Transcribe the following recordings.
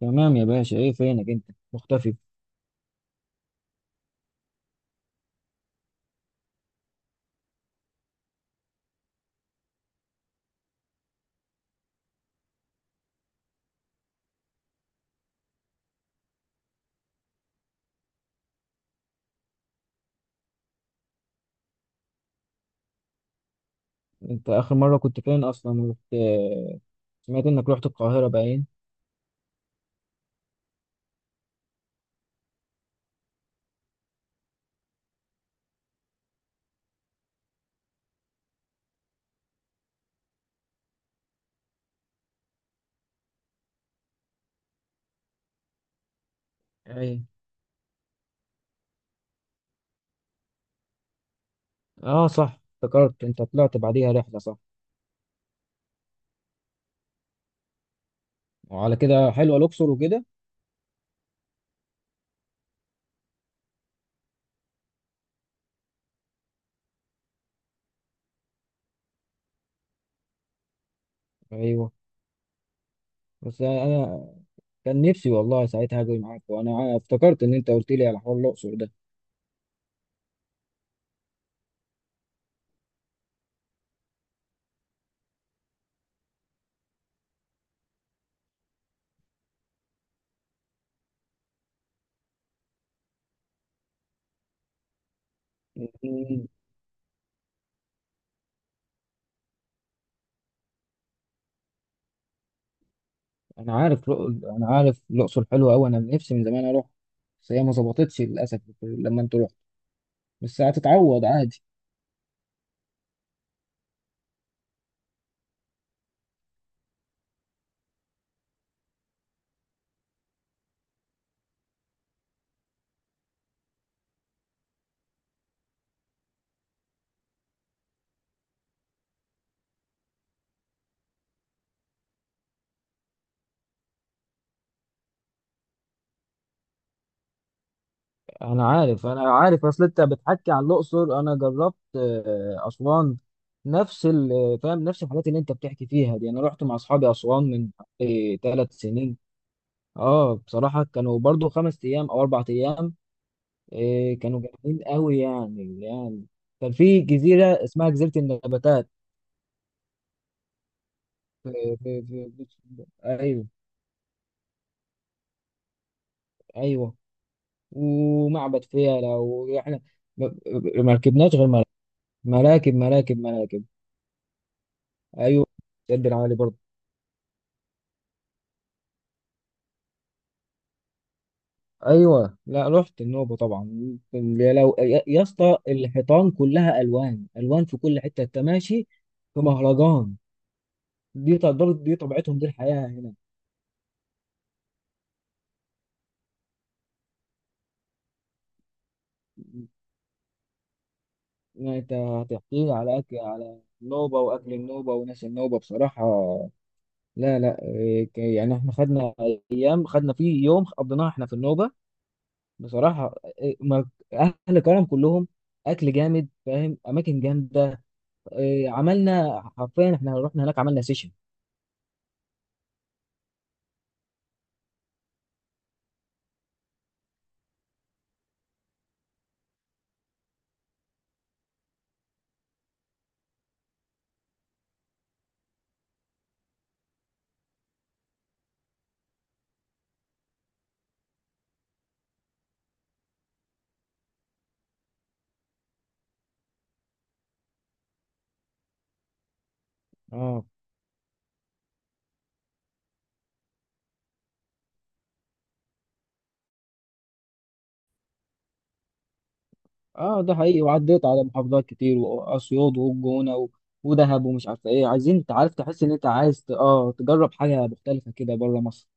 تمام يا باشا، ايه فينك انت مختفي؟ انت اخر مره كنت فين اصلا؟ رحت سمعت انك رحت القاهره باين ايه. اه صح، افتكرت انت طلعت بعديها رحله صح؟ وعلى كده حلوه الاقصر وكده؟ ايوه. بس انا كان نفسي والله ساعتها اجي معاك، وانا افتكرت ان انت قلت لي على حوار الاقصر ده. مم. انا عارف الاقصر حلوه قوي، انا نفسي من زمان اروح. بس هي ما ظبطتش للاسف لما انت رحت. بس هتتعوض عادي. انا عارف اصل انت بتحكي عن الاقصر، انا جربت اسوان. فاهم، نفس الحاجات اللي انت بتحكي فيها دي انا رحت مع اصحابي اسوان من 3 سنين. اه بصراحه كانوا برضو 5 ايام او 4 ايام. كانوا جامدين قوي. يعني كان في جزيره اسمها جزيره النباتات. ايوه، ايوه، ومعبد فيلة، واحنا ما ما ركبناش غير مراكب، مراكب، مراكب، مراكب. ايوه، سد العالي برضو. ايوه. لا، رحت النوبه طبعا. يا لو، يا اسطى، الحيطان كلها الوان الوان في كل حته انت ماشي في مهرجان. دي طبيعتهم، دي الحياه هنا. يعني انت هتحكي لي على اكل، على النوبه، واكل النوبه وناس النوبه بصراحه؟ لا، لا، يعني احنا خدنا ايام، خدنا فيه يوم قضيناه احنا في النوبه بصراحه. إيه، ما- اهل كرم كلهم، اكل جامد، فاهم، اماكن جامده. عملنا حرفيا احنا رحنا هناك عملنا سيشن. اه ده حقيقي، وعديت على محافظات كتير، واسيوط والجونه، و... ودهب، ومش عارف ايه. عايزين، انت عارف، تحس ان انت عايز تجرب حاجه مختلفه كده بره مصر.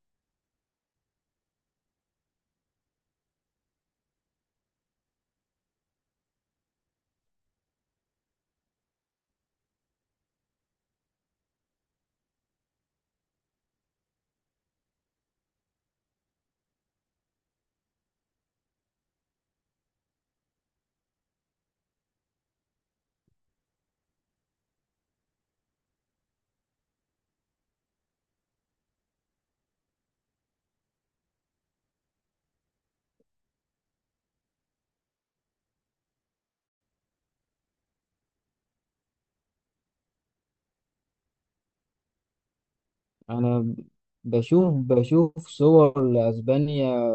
انا بشوف صور لاسبانيا،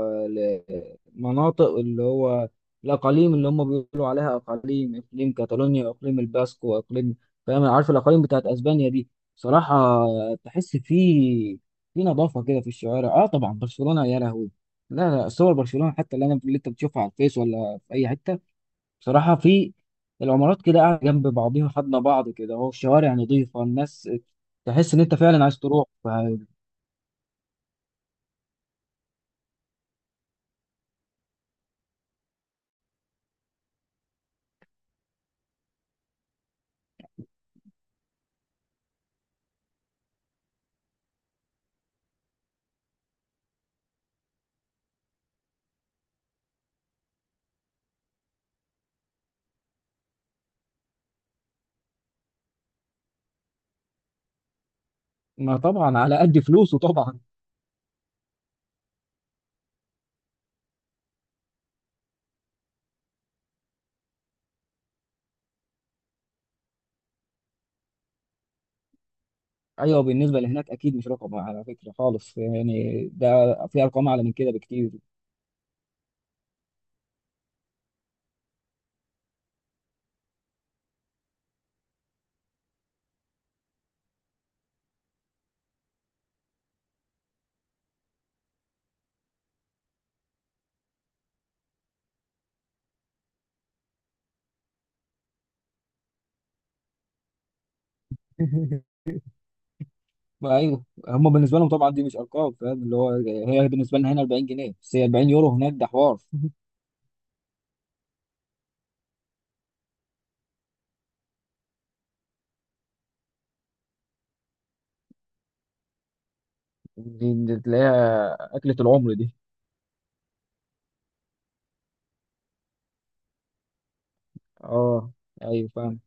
لمناطق اللي هو الاقاليم اللي هم بيقولوا عليها اقاليم، اقليم كاتالونيا واقليم الباسكو واقليم، فاهم، عارف الاقاليم بتاعت اسبانيا دي. صراحة تحس في نظافة كده في الشوارع. اه طبعا برشلونة يا لهوي. لا، لا، صور برشلونة حتى اللي انت بتشوفها على الفيس ولا في اي حتة، بصراحة، في العمارات كده قاعدة جنب بعضيها، خدنا بعض كده اهو، الشوارع نظيفة، الناس، تحس ان انت فعلا عايز تروح. ما طبعا، على قد فلوسه طبعا. ايوه، بالنسبه لهناك اكيد مش رقم على فكره خالص، يعني ده في ارقام اعلى من كده بكتير. ما ايوه، هم بالنسبه لهم طبعا دي مش ارقام، فاهم اللي هو، هي بالنسبه لنا هنا 40 جنيه، بس هي 40 يورو هناك ده حوار. دي تلاقيها اكله العمر دي. اه، ايوه فاهم.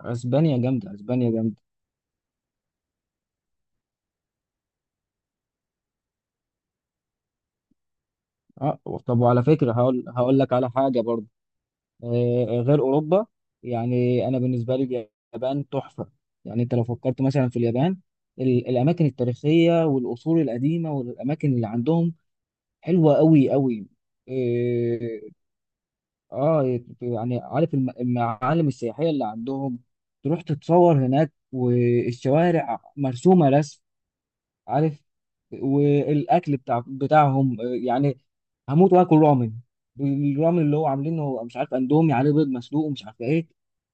اسبانيا جامده، اسبانيا جامده. اه، طب وعلى فكره هقول لك على حاجه برضه، غير اوروبا. يعني انا بالنسبه لي اليابان تحفه. يعني انت لو فكرت مثلا في اليابان، الاماكن التاريخيه والاصول القديمه والاماكن اللي عندهم حلوه قوي قوي. اه. يعني عارف المعالم السياحيه اللي عندهم، تروح تتصور هناك والشوارع مرسومه رسم، عارف، والاكل بتاعهم يعني هموت واكل رامن. الرامن اللي هو عاملينه هو، مش عارف، اندومي عليه بيض مسلوق ومش عارف ايه،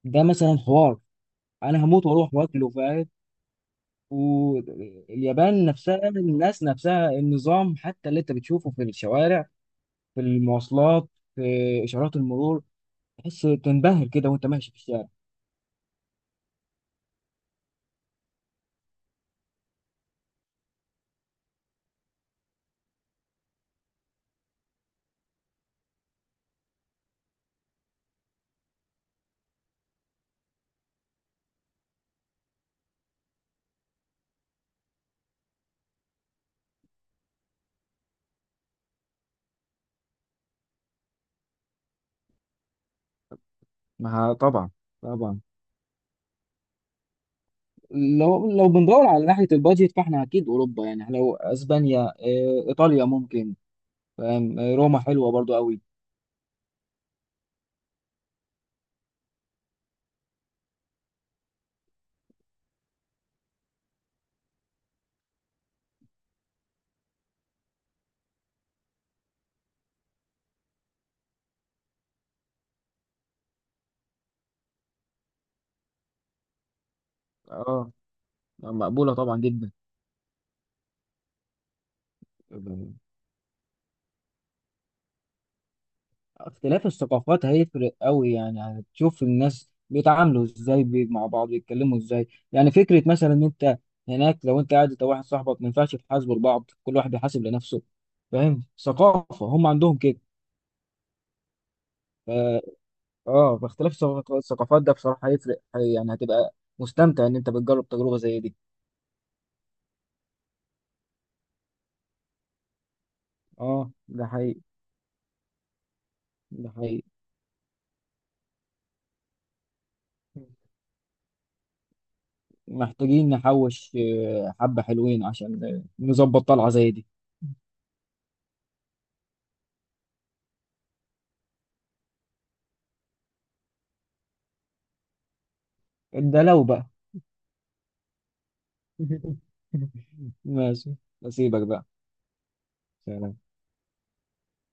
ده مثلا حوار. انا هموت واروح واكله، فاهم. واليابان نفسها، الناس نفسها، النظام حتى اللي انت بتشوفه في الشوارع، في المواصلات، في اشارات المرور، تحس تنبهر كده وانت ماشي في الشارع. ما طبعا، طبعا. لو بندور على ناحية البادجت فاحنا أكيد أوروبا، يعني لو أسبانيا، إيطاليا ممكن، فاهم. روما حلوه برضو قوي. اه، مقبولة طبعا جدا. اختلاف الثقافات هيفرق قوي، يعني هتشوف الناس بيتعاملوا ازاي، مع بعض بيتكلموا ازاي، يعني فكرة مثلا ان انت هناك، لو انت قاعد انت واحد صاحبك ما ينفعش تحاسبوا لبعض، كل واحد بيحاسب لنفسه، فاهم، ثقافة هم عندهم كده. ف- اه فاختلاف الثقافات ده بصراحة هيفرق، يعني هتبقى مستمتع ان انت بتجرب تجربة زي دي. اه ده حقيقي. ده حقيقي. محتاجين نحوش حبة حلوين عشان نظبط طلعة زي دي. ده لو بقى. ماشي، أسيبك بقى. سلام.